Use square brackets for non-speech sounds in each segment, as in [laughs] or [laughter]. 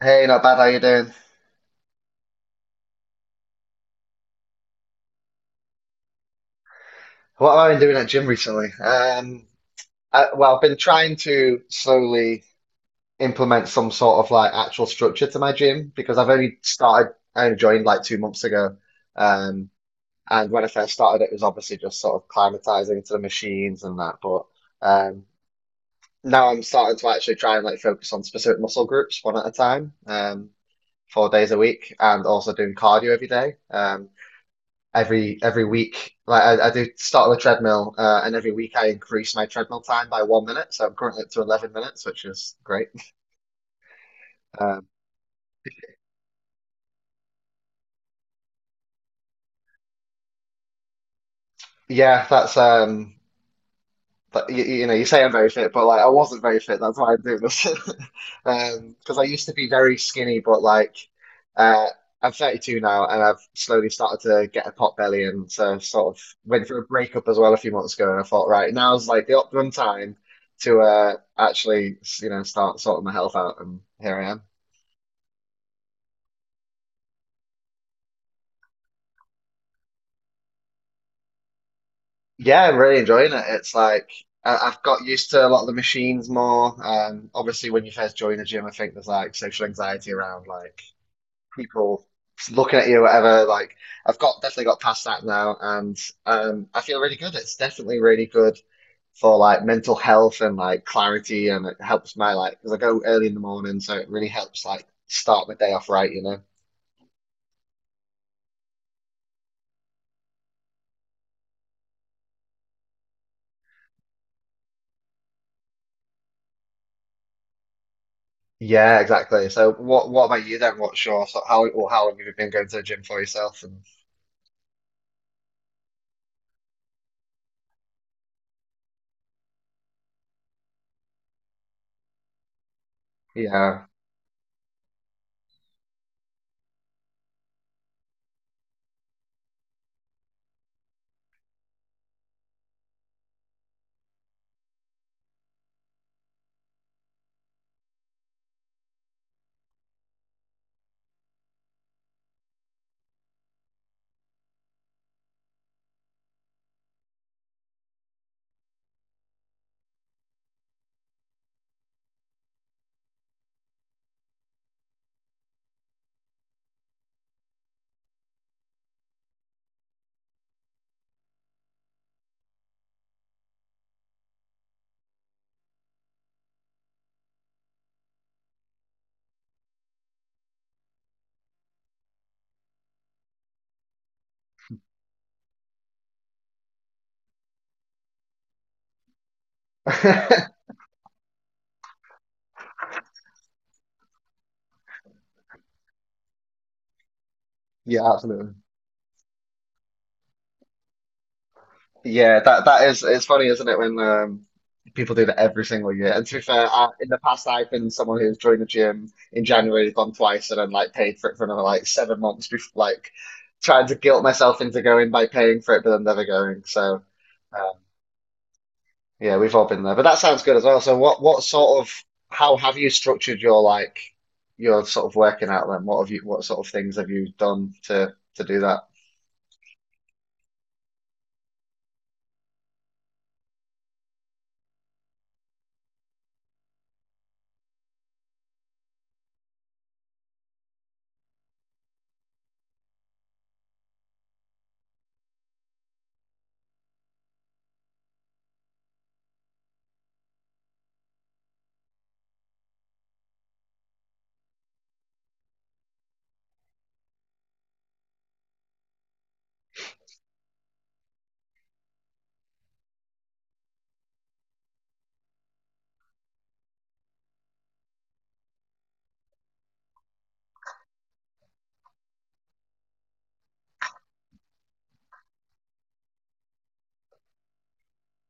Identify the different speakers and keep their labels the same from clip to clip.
Speaker 1: Hey, not bad. How you doing? What have I been doing at gym recently? I've been trying to slowly implement some sort of like actual structure to my gym because I only joined like 2 months ago. Um, and when I first started, it was obviously just sort of climatizing to the machines and that. But um, now I'm starting to actually try and like focus on specific muscle groups one at a time, 4 days a week, and also doing cardio every day. Every week. Like I do start on the treadmill, and every week I increase my treadmill time by 1 minute. So I'm currently up to 11 minutes, which is great. Um, yeah, that's but you know, you say I'm very fit, but like I wasn't very fit. That's why I'm doing this. [laughs] Because I used to be very skinny, but Uh, I'm 32 now, and I've slowly started to get a pot belly, and so sort of went through a breakup as well a few months ago. And I thought, right, now's like the optimum time to actually, you know, start sorting my health out, and here I am. Yeah, I'm really enjoying it. It's like I've got used to a lot of the machines more. Obviously, when you first join the gym, I think there's like social anxiety around like people looking at you, whatever. Like I've got definitely got past that now, and I feel really good. It's definitely really good for like mental health and like clarity, and it helps my like because I go early in the morning, so it really helps like start my day off right, you know. Yeah, exactly. So what about you then? What's your so how or how long have you been going to the gym for yourself? And yeah, [laughs] yeah, absolutely. Yeah, that is it's funny, isn't it, when people do that every single year. And to be fair, in the past I've been someone who's joined the gym in January, gone twice, and then like paid for it for another like 7 months before like trying to guilt myself into going by paying for it but then never going. So um, yeah, we've all been there. But that sounds good as well. So what sort of how have you structured your working out then? What have you what sort of things have you done to do that?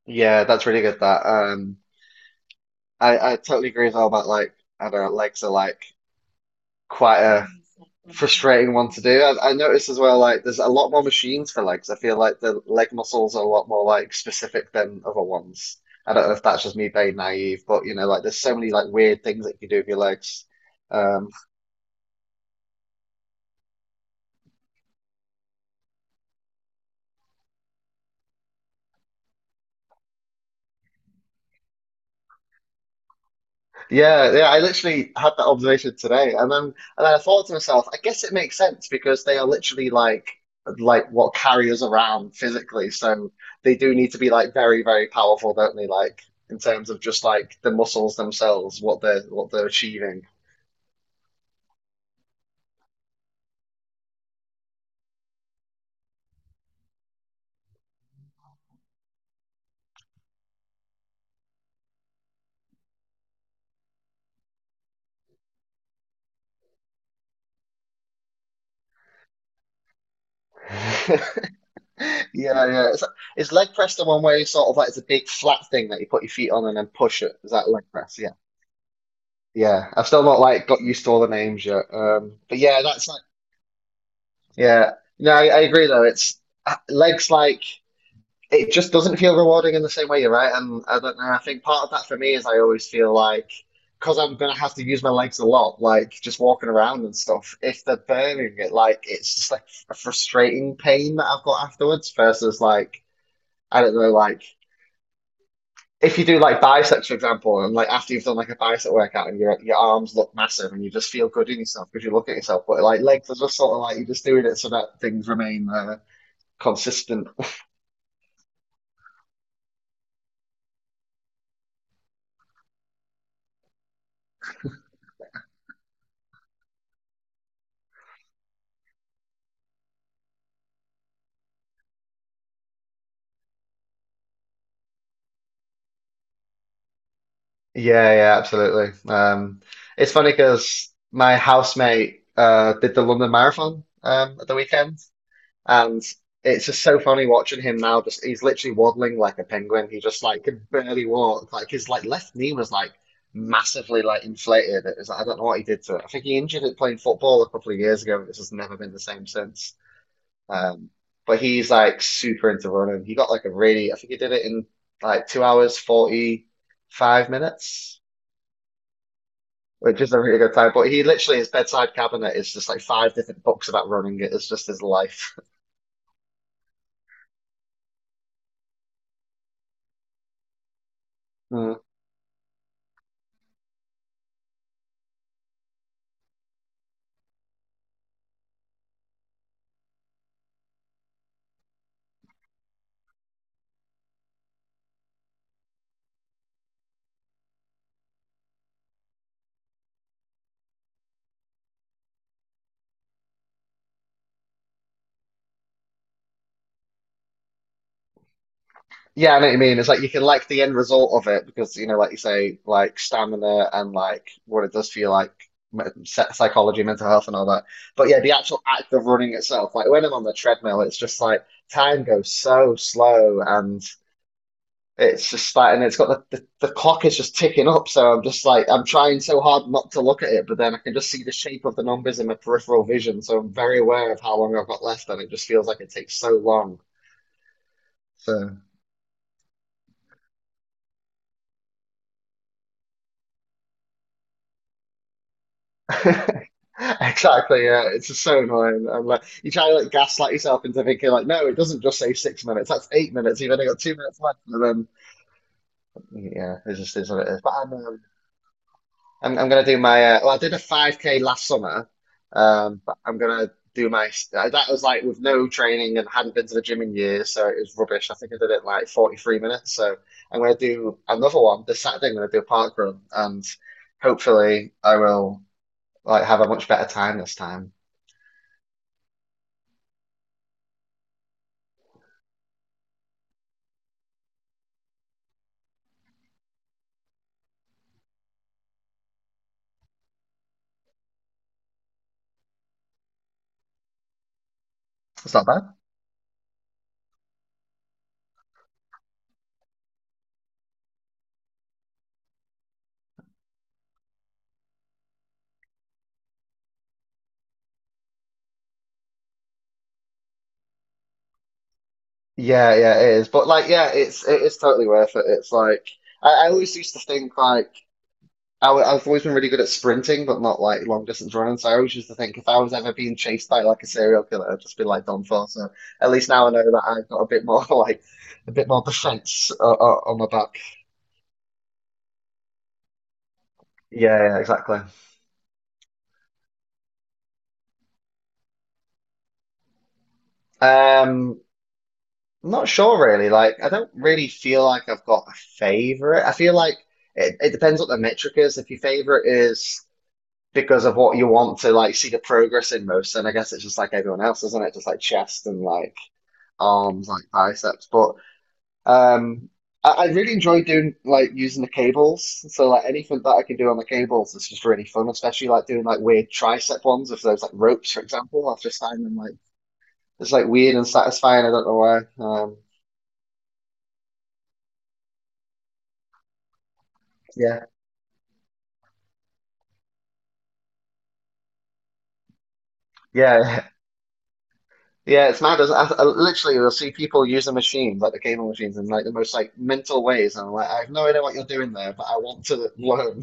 Speaker 1: Yeah, that's really good that. I totally agree as well about like I don't know, legs are like quite a frustrating one to do. I noticed as well like there's a lot more machines for legs. I feel like the leg muscles are a lot more like specific than other ones. I don't know if that's just me being naive, but you know, like there's so many like weird things that you can do with your legs. Um, Yeah, yeah, I literally had that observation today, and then I thought to myself, I guess it makes sense because they are literally like what carry us around physically, so they do need to be like very, very powerful, don't they? Like in terms of just like the muscles themselves, what they're achieving. [laughs] Yeah, yeah. Is leg press the one where you sort of like it's a big flat thing that you put your feet on and then push it? Is that leg press? Yeah. Yeah. I've still not like got used to all the names yet. But yeah, that's like. Yeah, no, I agree though. It's legs like it just doesn't feel rewarding in the same way. You're right, and I don't know. I think part of that for me is I always feel like because I'm gonna have to use my legs a lot, like just walking around and stuff. If they're burning it, like it's just like a frustrating pain that I've got afterwards versus like I don't know, like if you do like biceps, for example, and like after you've done like a bicep workout and your arms look massive and you just feel good in yourself because you look at yourself, but like legs are just sort of like you're just doing it so that things remain. There consistent. Yeah, yeah, absolutely. It's funny because my housemate did the London Marathon at the weekend, and it's just so funny watching him now. Just he's literally waddling like a penguin. He just like could barely walk. Like his like left knee was like massively like inflated. It was I don't know what he did to it. I think he injured it playing football a couple of years ago. This has never been the same since. Um, but he's like super into running. He got like a really, I think he did it in like 2 hours, 45 minutes, which is a really good time. But he literally, his bedside cabinet is just like five different books about running. It is just his life. [laughs] Mm. Yeah, I know what you mean. It's like you can like the end result of it because, you know, like you say, like stamina and like what it does for you, like psychology, mental health, and all that. But yeah, the actual act of running itself, like when I'm on the treadmill, it's just like time goes so slow and it's just like, and it's got the clock is just ticking up. So I'm just like, I'm trying so hard not to look at it, but then I can just see the shape of the numbers in my peripheral vision. So I'm very aware of how long I've got left, and it just feels like it takes so long. So [laughs] exactly, yeah, it's just so annoying. I'm like, you try to like gaslight yourself into thinking like, no, it doesn't just say 6 minutes. That's 8 minutes. You've only got 2 minutes left, and then yeah, it just is what it is. But I know I'm gonna do my well, I did a 5K last summer, but I'm gonna do my that was like with no training and hadn't been to the gym in years, so it was rubbish. I think I did it in like 43 minutes. So I'm gonna do another one this Saturday. I'm gonna do a park run, and hopefully I will like have a much better time this time. It's not bad. Yeah, yeah, it is. But like, yeah, it is totally worth it. It's like I always used to think like. I've always been really good at sprinting, but not like long distance running. So I always used to think if I was ever being chased by like a serial killer, I'd just be like done for. So at least now I know that I've got a bit more [laughs] like a bit more defense on my back. Yeah, yeah, exactly. Um, I'm not sure really. Like I don't really feel like I've got a favorite. I feel like it depends what the metric is. If your favorite is because of what you want to like see the progress in most, then I guess it's just like everyone else, isn't it? Just like chest and like arms, like biceps, but. Um, I really enjoy doing like using the cables. So like anything that I can do on the cables is just really fun, especially like doing like weird tricep ones with those like ropes, for example. I've just found them like it's like weird and satisfying. I don't know why. Yeah, yeah, [laughs] yeah. It's mad. I literally you'll see people use using machines like the cable machines in like the most like mental ways, and I'm like, I have no idea what you're doing there, but I want to [laughs] learn.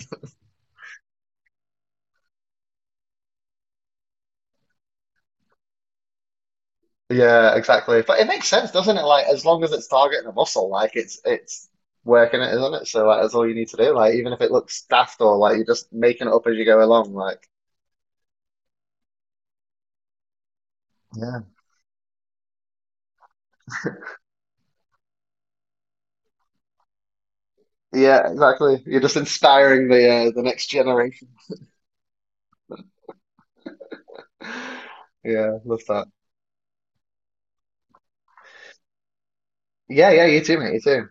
Speaker 1: Yeah, exactly. But it makes sense, doesn't it? Like as long as it's targeting a muscle, like it's working it, isn't it? So like that's all you need to do. Like even if it looks daft or like you're just making it up as you go along, like yeah, yeah, exactly. You're just inspiring the next generation. [laughs] Yeah, love that. Yeah, yeah, you too, mate. You too.